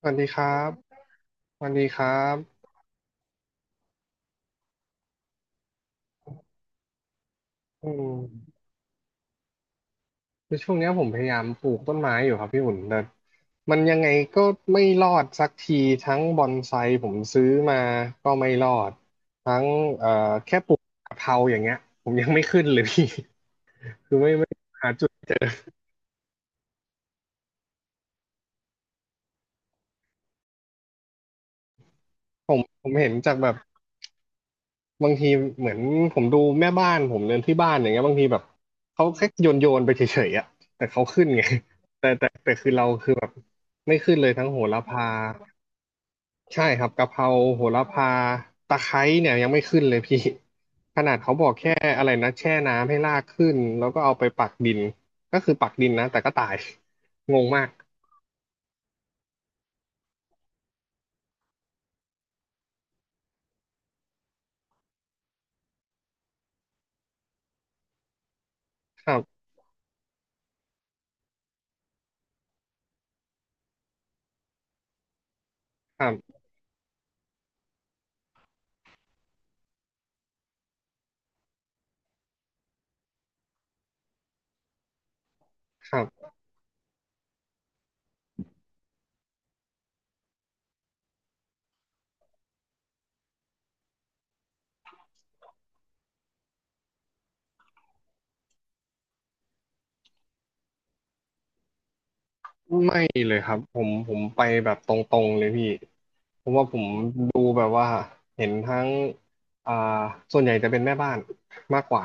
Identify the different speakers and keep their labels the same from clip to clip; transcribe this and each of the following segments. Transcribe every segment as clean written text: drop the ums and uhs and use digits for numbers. Speaker 1: สวัสดีครับสวัสดีครับอืมคือช่วงเนี้ยผมพยายามปลูกต้นไม้อยู่ครับพี่อุ่นแต่มันยังไงก็ไม่รอดสักทีทั้งบอนไซผมซื้อมาก็ไม่รอดทั้งเอ่อแค่ปลูกกะเพราอย่างเงี้ยผมยังไม่ขึ้นเลยพี่ คือไม่หาจุดผมเห็นจากแบบบางทีเหมือนผมดูแม่บ้านผมเดินที่บ้านอย่างเงี้ยบางทีแบบเขาแค่โยนไปเฉยๆอะแต่เขาขึ้นไงแต่คือเราแบบไม่ขึ้นเลยทั้งโหระพา ใช่ครับกะเพราโหระพาตะไคร้เนี่ยยังไม่ขึ้นเลยพี่ ขนาดเขาบอกแค่อะไรนะแช่น้ำให้รากขึ้นแล้วก็เอาไปปักดินก็คือปักดินนะแต่ก็ตาย งงมากครับครับครับไม่เลยครับผมไปแบบตรงๆเลยพี่เพราะว่าผมดูแบบว่าเห็นทั้งอ่าส่วนใหญ่จะเป็นแม่บ้านมากกว่า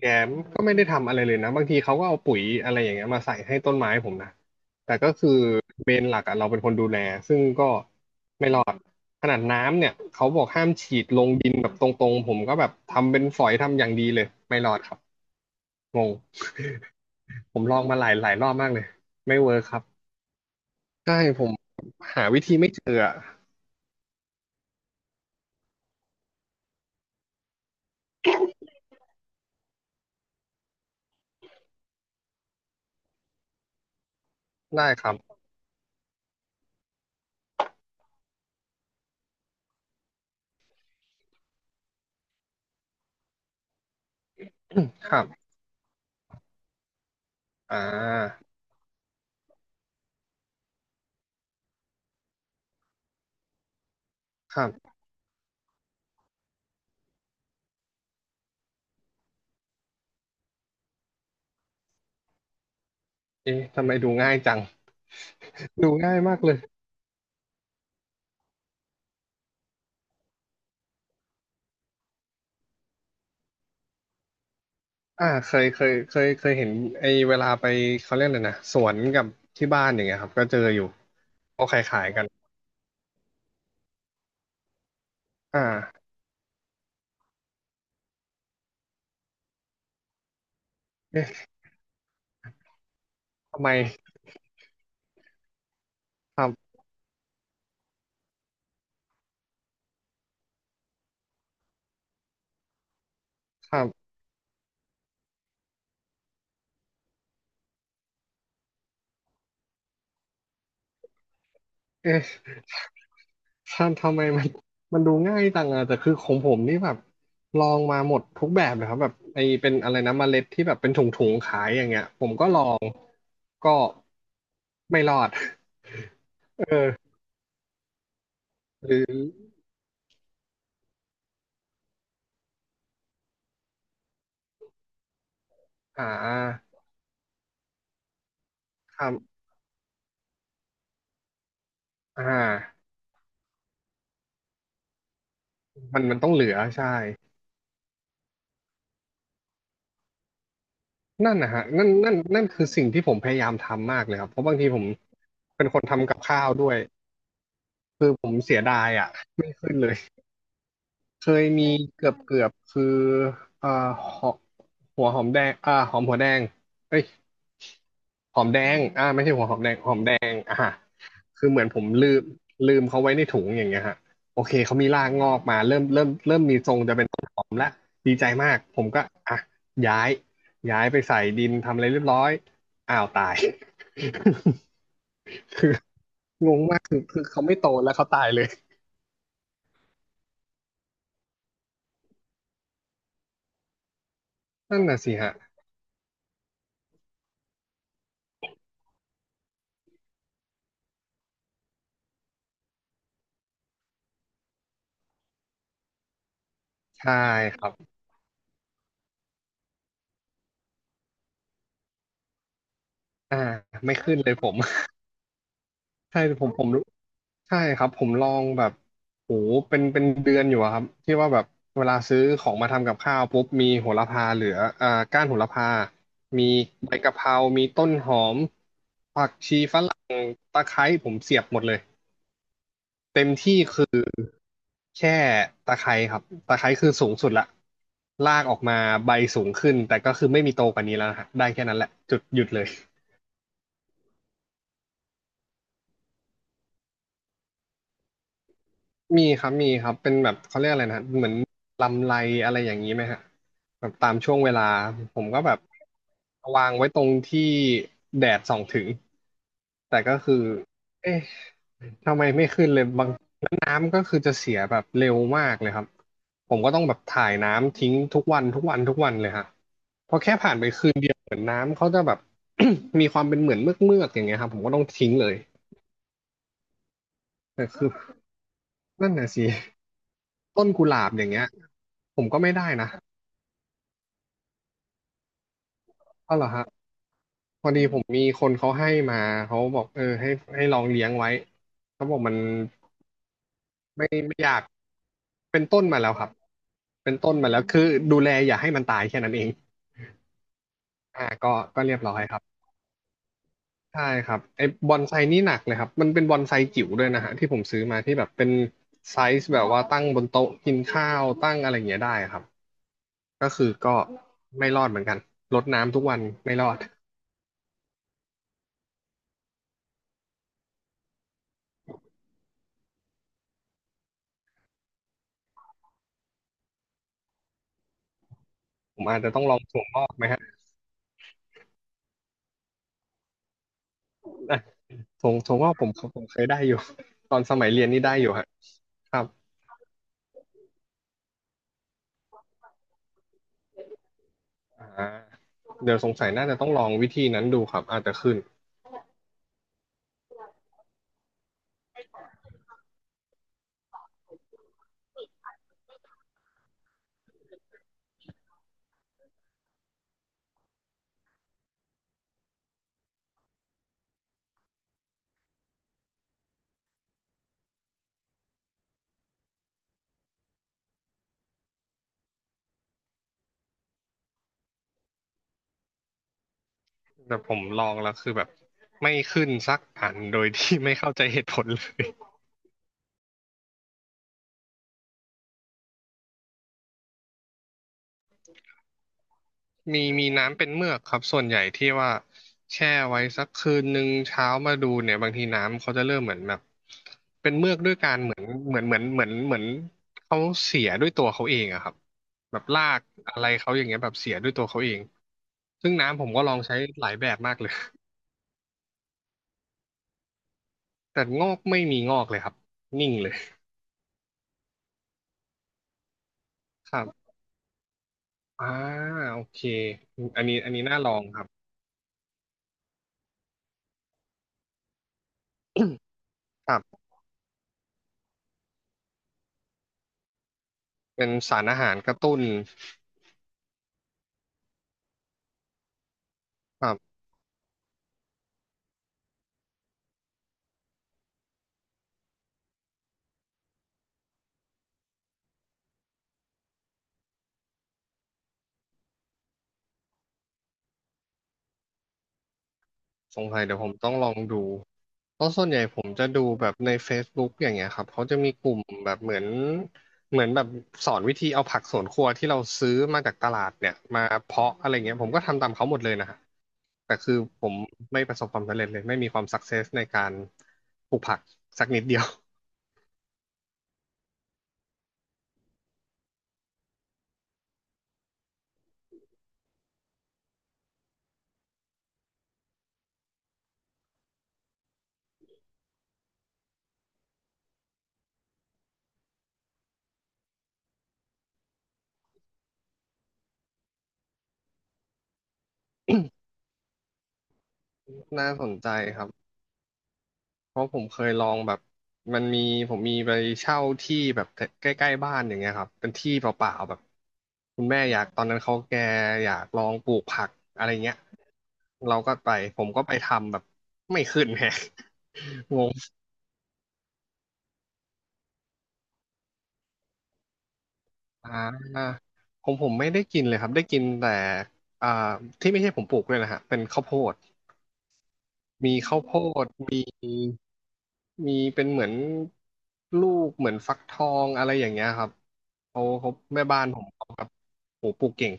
Speaker 1: แกก็ไม่ได้ทำอะไรเลยนะบางทีเขาก็เอาปุ๋ยอะไรอย่างเงี้ยมาใส่ให้ต้นไม้ผมนะแต่ก็คือเมนหลักอะเราเป็นคนดูแลซึ่งก็ขนาดน้ำเนี่ยเขาบอกห้ามฉีดลงดินแบบตรงๆผมก็แบบทำเป็นฝอยทำอย่างดีเลยไม่รอดครับงงผมลองมาหลายรอบมากเลยไม่เวิร์คครับใช่ผมหาวิธีไม่เจออะได้ครับ ครับอ่าครับเอ๊ะทำไมดูง่ายจังดูง่ายมากเลย อ่าเคยเห็นไอ้เวลาไปเขาเรียกอะไรนะสวนกับที่บ้านอย่างเงี้ยครับก็เจออยู่เขาขายกันอ่าเอ๊ะทำไมครับครับเอ๊ะท่านทำไมมันดูง่ายจังอะแต่คือของผมนี่แบบลองมาหมดทุกแบบเลยครับแบบไอ้เป็นอะไรนะเมล็ดที่แบบเป็นถุงๆขายอย่างเงี้ยผมก็ลองก็ไม่รอดเออหรือหาทำอ่ามันต้องเหลือใช่ นั่นนะฮะนั่นคือสิ่งที่ผมพยายามทำมากเลยครับเพราะบางทีผมเป็นคนทำกับข้าวด้วยคือผมเสียดายอ่ะไม่ขึ้นเลย เคยมีเกือบเกือบคืออ่าหอมหัวหอมแดงอ่าหอมหัวแดงเอ้ยหอมแดงอ่าไม่ใช่หัวหอมแดงหอมแดงอ่าฮะคือเหมือนผมลืมเขาไว้ในถุงอย่างเงี้ยฮะโอเคเขามีรากงอกมาเริ่มมีทรงจะเป็นต้นหอมละดีใจมากผมก็อ่ะย้ายย้ายไปใส่ดินทำอะไรเรียบร้อยอ้าวตาย คืองงมากคือเขาไม่โตแล้วเขาตายเลยนั่นน่ะสิฮะใช่ครับอ่าไม่ขึ้นเลยผม ใช่ผมรู้ใช่ครับผมลองแบบโหเป็นเดือนอยู่อะครับที่ว่าแบบเวลาซื้อของมาทำกับข้าวปุ๊บมีโหระพาเหลืออ่าก้านโหระพามีใบกะเพรามีต้นหอมผักชีฝรั่งตะไคร้ผมเสียบหมดเลยเต็มที่คือแค่ตะไคร้ครับตะไคร้คือสูงสุดละลากออกมาใบสูงขึ้นแต่ก็คือไม่มีโตกว่านี้แล้วนะฮะได้แค่นั้นแหละจุดหยุดเลย มีครับมีครับเป็นแบบเขาเรียกอะไรนะเหมือนลำไรอะไรอย่างนี้ไหมฮะแบบตามช่วงเวลาผมก็แบบวางไว้ตรงที่แดดส่องถึงแต่ก็คือเอ๊ะทำไมไม่ขึ้นเลยบางแล้วน้ำก็คือจะเสียแบบเร็วมากเลยครับผมก็ต้องแบบถ่ายน้ำทิ้งทุกวันเลยฮะพอแค่ผ่านไปคืนเดียวเหมือนน้ำเขาจะแบบ มีความเป็นเหมือนเมือกอย่างเงี้ยครับผมก็ต้องทิ้งเลยแต่คือนั่นน่ะสิ ต้นกุหลาบอย่างเงี้ยผมก็ไม่ได้นะก็เหรอฮะพอดีผมมีคนเขาให้มาเขาบอกเออให้ลองเลี้ยงไว้เขาบอกมันไม่อยากเป็นต้นมาแล้วครับเป็นต้นมาแล้วคือดูแลอย่าให้มันตายแค่นั้นเองอ่าก็เรียบร้อยครับใช่ครับไอ้บอนไซนี่หนักเลยครับมันเป็นบอนไซจิ๋วด้วยนะฮะที่ผมซื้อมาที่แบบเป็นไซส์แบบว่าตั้งบนโต๊ะกินข้าวตั้งอะไรอย่างเงี้ยได้ครับก็คือไม่รอดเหมือนกันรดน้ำทุกวันไม่รอดผมอาจจะต้องลองถั่วงอกไหม อ่ะถงถงว่าผมเคยได้อยู่ ตอนสมัยเรียนนี่ได้อยู่ฮะครับอ่าเดี๋ยวสงสัยน่าจะต้องลองวิธีนั้นดูครับอาจจะขึ้นแต่ผมลองแล้วคือแบบไม่ขึ้นสักอันโดยที่ไม่เข้าใจเหตุผลเลย มีน้ำเป็นเมือกครับส่วนใหญ่ที่ว่าแช่ไว้สักคืนหนึ่งเช้ามาดูเนี่ยบางทีน้ำเขาจะเริ่มเหมือนแบบเป็นเมือกด้วยการเหมือนเหมือนเหมือนเหมือนเหมือนเขาเสียด้วยตัวเขาเองอะครับแบบลากอะไรเขาอย่างเงี้ยแบบเสียด้วยตัวเขาเองซึ่งน้ำผมก็ลองใช้หลายแบบมากเลย แต่งอกไม่มีงอกเลยครับนิ่งเลยครับอ่าโอเคอันนี้น่าลองครับครับเป็นสารอาหารกระตุ้นครับสงสัยเดี๋ยวผมต้องลองดู เพราะส่วนใหญ่ผมจะดูแบบใน Facebook อย่างเงี้ยครับเขาจะมีกลุ่มแบบเหมือนแบบสอนวิธีเอาผักสวนครัวที่เราซื้อมาจากตลาดเนี่ยมาเพาะอะไรเงี้ยผมก็ทำตามเขาหมดเลยนะฮะแต่คือผมไม่ประสบความสำเร็จเลยไม่มีความสักเซสในการปลูกผักสักนิดเดียว น่าสนใจครับ เพราะผมเคยลองแบบมันมีผมมีไปเช่าที่แบบใกล้ๆบ้านอย่างเงี้ยครับเป็นที่เปล่าๆแบบคุณแม่อยากตอนนั้นเขาแกอยากลองปลูกผักอะไรเงี้ยเราก็ไปผมก็ไปทำแบบไม่ขึ้นแฮะ งงอ่าผมไม่ได้กินเลยครับได้กินแต่อ่าที่ไม่ใช่ผมปลูกเลยนะฮะเป็นข้าวโพดมีข้าวโพดมีเป็นเหมือนลูกเหมือนฟักทองอะไรอย่างเงี้ยครับ เขาแม่บ้านผมเขาแบบโหปลูกเก่ง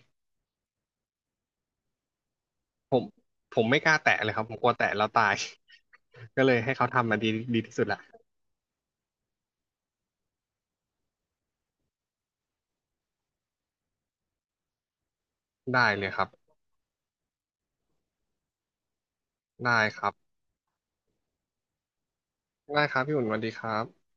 Speaker 1: ผมผมไม่กล้าแตะเลยครับผมกลัวแตะแล้วตาย ก็เลยให้เขาทำมาดีดีที่สุดแหละได้เลยครับได้ครับได้ครับพี่อุ่นสวัสดีครับ